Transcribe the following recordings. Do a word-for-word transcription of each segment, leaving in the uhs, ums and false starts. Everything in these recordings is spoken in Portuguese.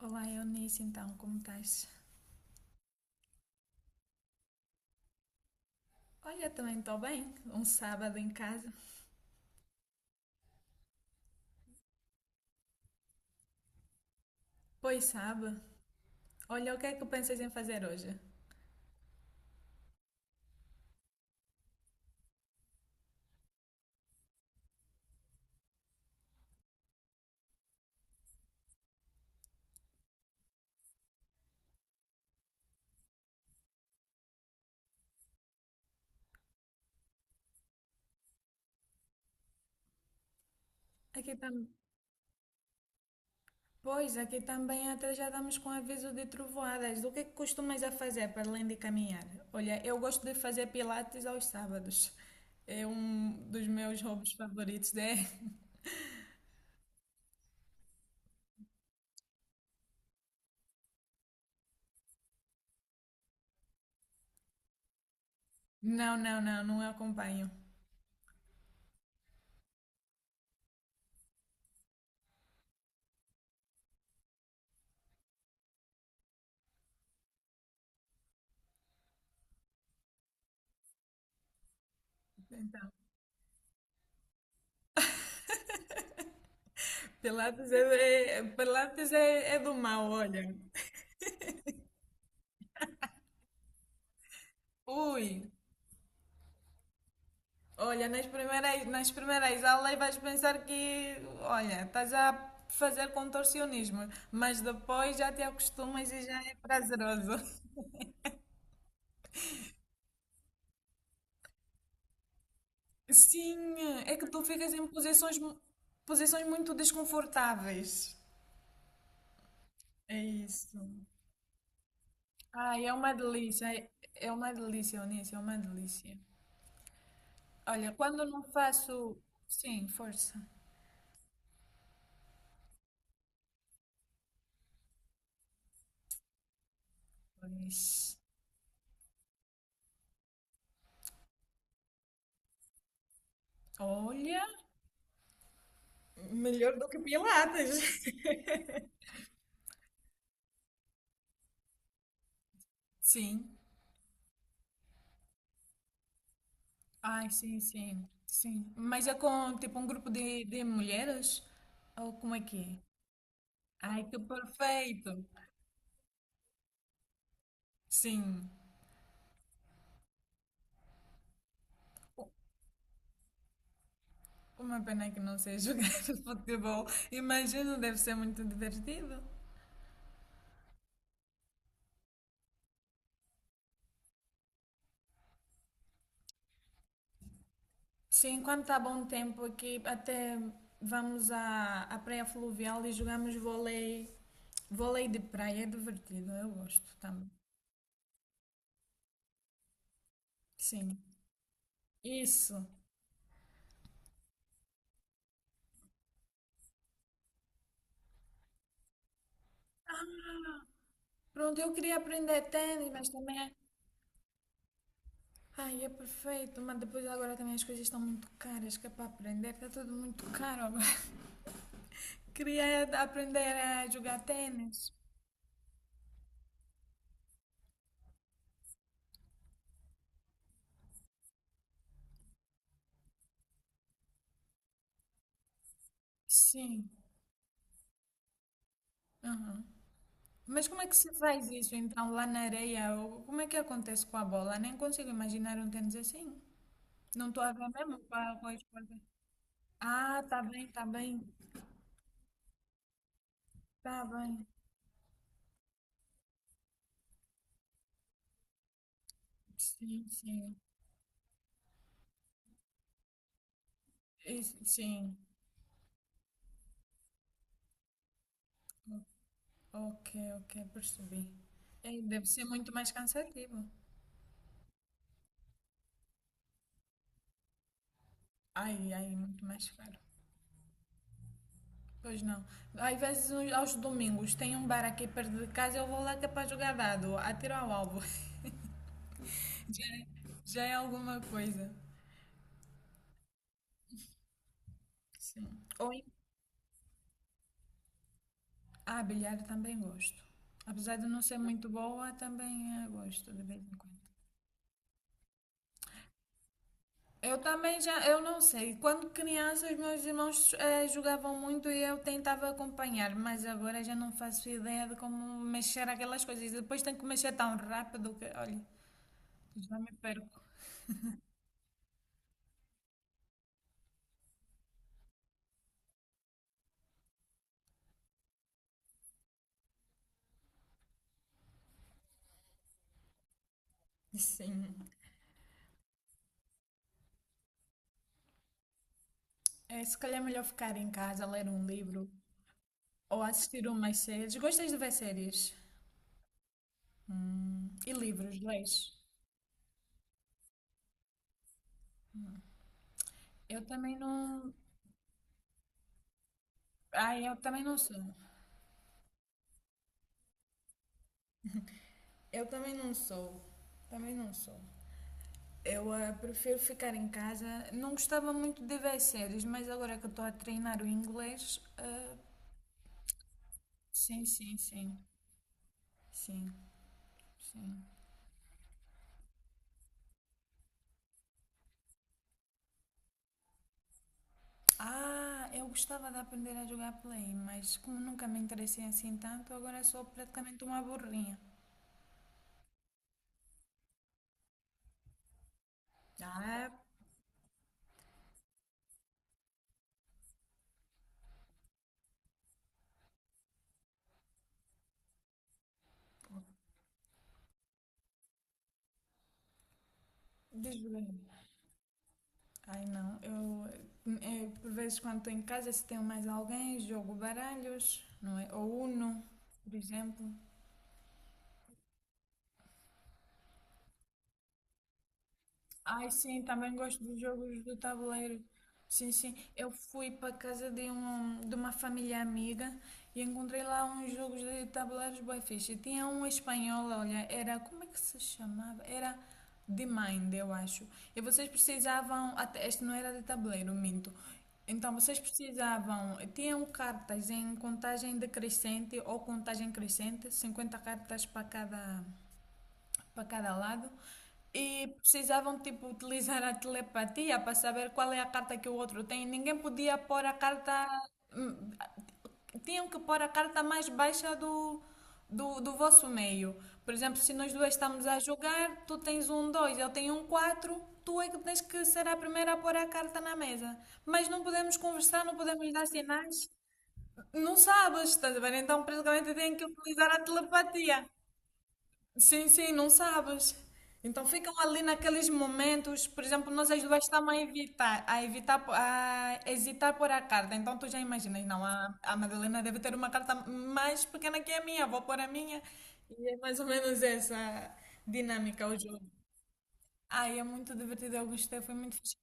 Olá, Eunice, então, como estás? Olha, também estou bem. Um sábado em casa. Pois sabe. Olha, o que é que pensas em fazer hoje? Aqui tam... Pois, aqui também até já estamos com aviso de trovoadas. O que é que costumas a fazer para além de caminhar? Olha, eu gosto de fazer pilates aos sábados. É um dos meus hobbies favoritos, é? Não, não, não, não acompanho. Então, pilates é, é- pilates é, é do mal, olha. Ui, olha, nas primeiras, nas primeiras aulas vais pensar que, olha, estás a fazer contorcionismo, mas depois já te acostumas e já é prazeroso. Sim, é que tu ficas em posições, mu- posições muito desconfortáveis. É isso. Ai, é uma delícia, é é uma delícia, Onísio, é uma delícia. Olha, quando não faço. Sim, força. Pois. Olha, melhor do que Pilates. Sim. Ai, sim, sim, sim. Mas é com tipo um grupo de, de mulheres? Ou como é que é? Ai, que perfeito! Sim. U- Uma pena que não sei jogar futebol. Imagino, deve ser muito divertido. Sim, quando está bom tempo aqui, até vamos à, à praia fluvial e jogamos vôlei. Vôlei de praia é divertido, eu gosto também. Sim, isso. Pronto, eu queria aprender ténis, mas também. É Ai, é perfeito, mas depois agora também as coisas estão muito caras, que é para aprender, está tudo muito caro agora. Queria aprender a jogar tênis. Sim. Aham. Mas como é que se faz isso então lá na areia? Ou como é que acontece com a bola? Nem consigo imaginar um tênis assim. Não estou a ver mesmo para a esporte. Ah, tá bem, tá bem. Tá bem. Sim, sim. Isso, sim. O- Ok, ok, percebi. É, deve ser muito mais cansativo. Ai, ai, muito mais caro. Pois não. Às vezes uns- aos domingos tem um bar aqui perto de casa, eu vou lá que é para jogar dado, atiro ao alvo. Já, é, já é alguma coisa. Sim. Ou em... Ah, bilhar também gosto. Apesar de não ser muito boa, também eh, gosto de vez em quando. Eu também já, eu não sei. Quando criança, os meus irmãos eh, jogavam muito e eu tentava acompanhar, mas agora já não faço ideia de como mexer aquelas coisas. Depois tenho que mexer tão rápido que, olha, já me perco. Sim. É, se calhar é melhor ficar em casa, ler um livro ou assistir umas séries. Gostas de ver séries e livros, lês? Eu também não. Ai, eu também não sou. Eu também não sou. Também não sou. Eu eh, prefiro ficar em casa. Não gostava muito de ver séries, mas agora que eu estou a treinar o inglês. Eh, sim, sim, sim. Sim, sim. Ah, eu gostava de aprender a jogar play, mas como nunca me interessei assim tanto, agora sou praticamente uma burrinha. Ah, desgrudo. Ai não, eu, é, por vezes quando estou em casa, se tenho mais alguém, jogo baralhos, não é? Ou Uno, por exemplo. Ai, sim, também gosto dos jogos do tabuleiro. Sim, sim. Eu fui para casa de, um, de uma família amiga e encontrei lá uns jogos de tabuleiros bué fixe. Tinha um espanhol, olha, era, como é que se chamava? Era de Mind, eu acho. E vocês precisavam, até, este não era de tabuleiro, minto. Então, vocês precisavam, tinham cartas em contagem decrescente ou contagem crescente, cinquenta cartas para cada para cada lado e precisavam tipo utilizar a telepatia para saber qual é a carta que o outro tem. Ninguém podia pôr a carta, hum, tinham que pôr a carta mais baixa do, do, do vosso meio. Por exemplo, se nós duas estamos a jogar, tu tens um dois, eu tenho um quatro, tu é que tens que ser a primeira a pôr a carta na mesa. Mas não podemos conversar, não podemos dar sinais. Não sabes, estás a ver? Então, praticamente, têm que utilizar a telepatia. Sim, sim, não sabes. Então ficam ali naqueles momentos, por exemplo, nós as duas estamos a evitar, a evitar, a hesitar por a carta. Então tu já imaginas, não, a, a Madalena deve ter uma carta mais pequena que a minha, vou pôr a minha. E é mais ou menos essa dinâmica o jogo. Ai, é muito divertido, eu gostei, foi muito fixe.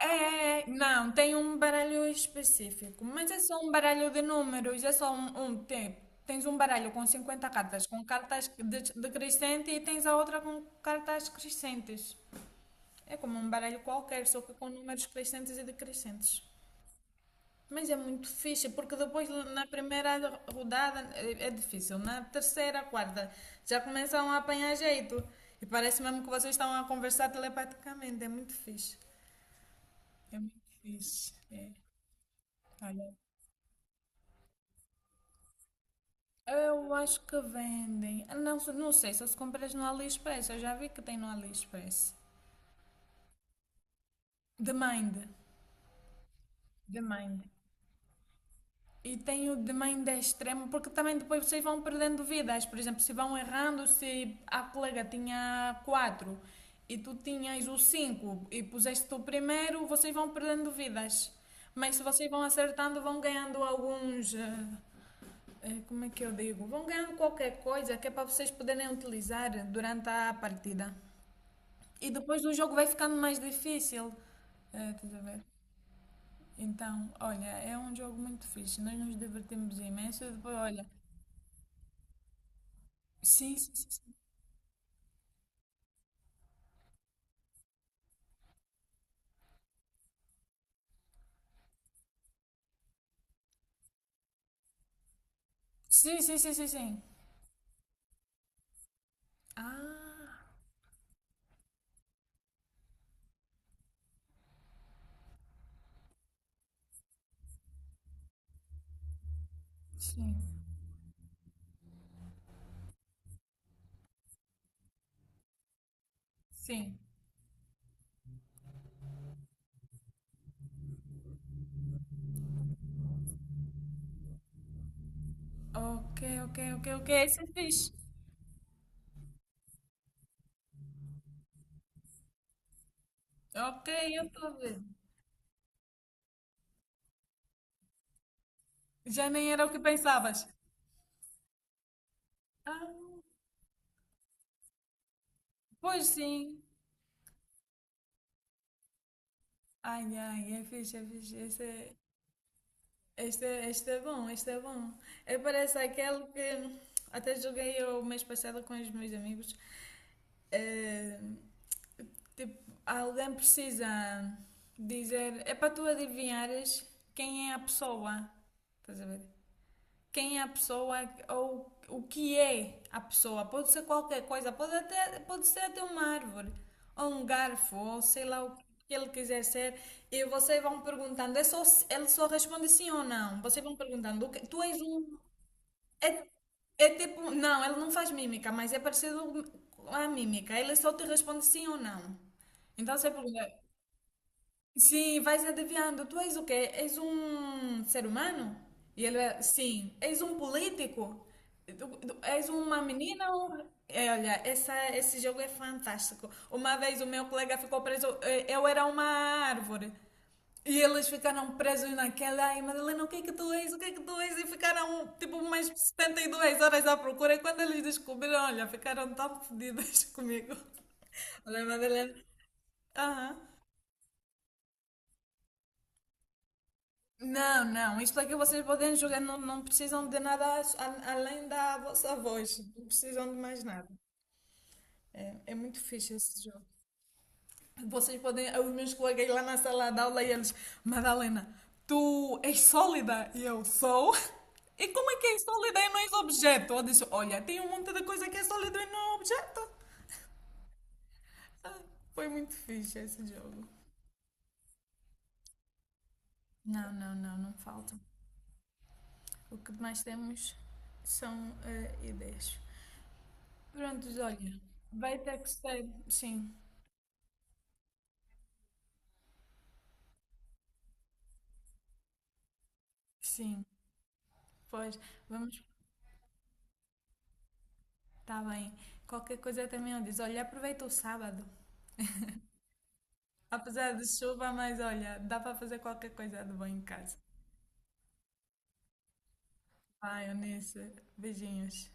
É, não, tem um baralho específico, mas é só um baralho de números, é só um, um tem- Tens um baralho com cinquenta cartas, com cartas de- decrescente e tens a outra com cartas crescentes. É como um baralho qualquer, só que com números crescentes e decrescentes. Mas é muito fixe, porque depois na primeira rodada é é difícil, na terceira, quarta, já começam a apanhar jeito. E parece mesmo que vocês estão a conversar telepaticamente, é muito fixe. É muito fixe. É. Olha, eu acho que vendem. Ah, não, se- não sei se as compras no AliExpress. Eu já vi que tem no AliExpress. De Mind. De Mind. E tem o de Mind é extremo, porque também depois vocês vão perdendo vidas. Por exemplo, se vão errando, se a colega tinha quatro e tu tinhas o cinco e puseste o primeiro, vocês vão perdendo vidas. Mas se vocês vão acertando, vão ganhando alguns. eh, eh, Como é que eu digo? Vão ganhando qualquer coisa que é para vocês poderem utilizar durante a partida. E depois o jogo vai ficando mais difícil. Eh, estás a ver? Então, olha, é um jogo muito fixe. Nós nos divertimos imenso. E depois, olha. Sim, sim, sim. Sim, sim, sim, sim. sim. Ah, sim. Sim. Ok, ok, ok, ok. Isso é fixe. Ok, eu estou a ver. Já nem era o que pensavas. Ah, pois sim. Ai, ai, é fixe, é fixe. Esse, é, Este, este é bom, este é bom. Eh, Parece aquele que até joguei eu o mês passado com os meus amigos. Eh, tipo, alguém precisa dizer, é para tu adivinhares quem é a pessoa. Estás a ver? Quem é a pessoa ou o que é a pessoa. Pode ser qualquer coisa, pode, até, pode ser até uma árvore, ou um garfo, ou sei lá o que ele quiser ser. E vocês vão perguntando, é só, ele só responde sim ou não. Vocês vão perguntando, "O que- tu és um. É, é tipo, não, ele não faz mímica, mas é parecido com a mímica. Ele só te responde sim ou não. Então você pergunta. Sim, vai se adivinhando. Tu és o quê? És um ser humano? E ele, é, sim. És um político? Tu- tu- És uma menina? Ou... É, olha, essa, esse jogo é fantástico. Uma vez o meu colega ficou preso. eh, Eu era uma árvore. E eles ficaram presos naquela. Ai, Madalena, o que é que tu és? O que é que tu és? E ficaram tipo umas setenta e duas horas à procura. E quando eles descobriram, olha, ficaram tão fodidas comigo. Olha, Madalena. Aham. Não, não, isto é que vocês podem jogar, não, não precisam de nada a- a- além da vossa voz, não precisam de mais nada. É, é muito fixe esse jogo. Vocês podem, os meus colegas lá na sala de aula e eles, Madalena, tu és sólida? E eu sou. E como é que é sólida e não és objeto? Eu disse, olha, tem um monte de coisa que é sólido e não é objeto. Ah, foi muito fixe esse jogo. Não, não, não, não faltam. O que mais temos são eh, ideias. Prontos, olha, vai ter que ser. Sim, sim. Pois, vamos. Tá bem. Qualquer coisa também eu diz. Olha, aproveita o sábado. Apesar de chuva, mas olha, dá para fazer qualquer coisa de bom em casa. Vai, Eunice. Beijinhos.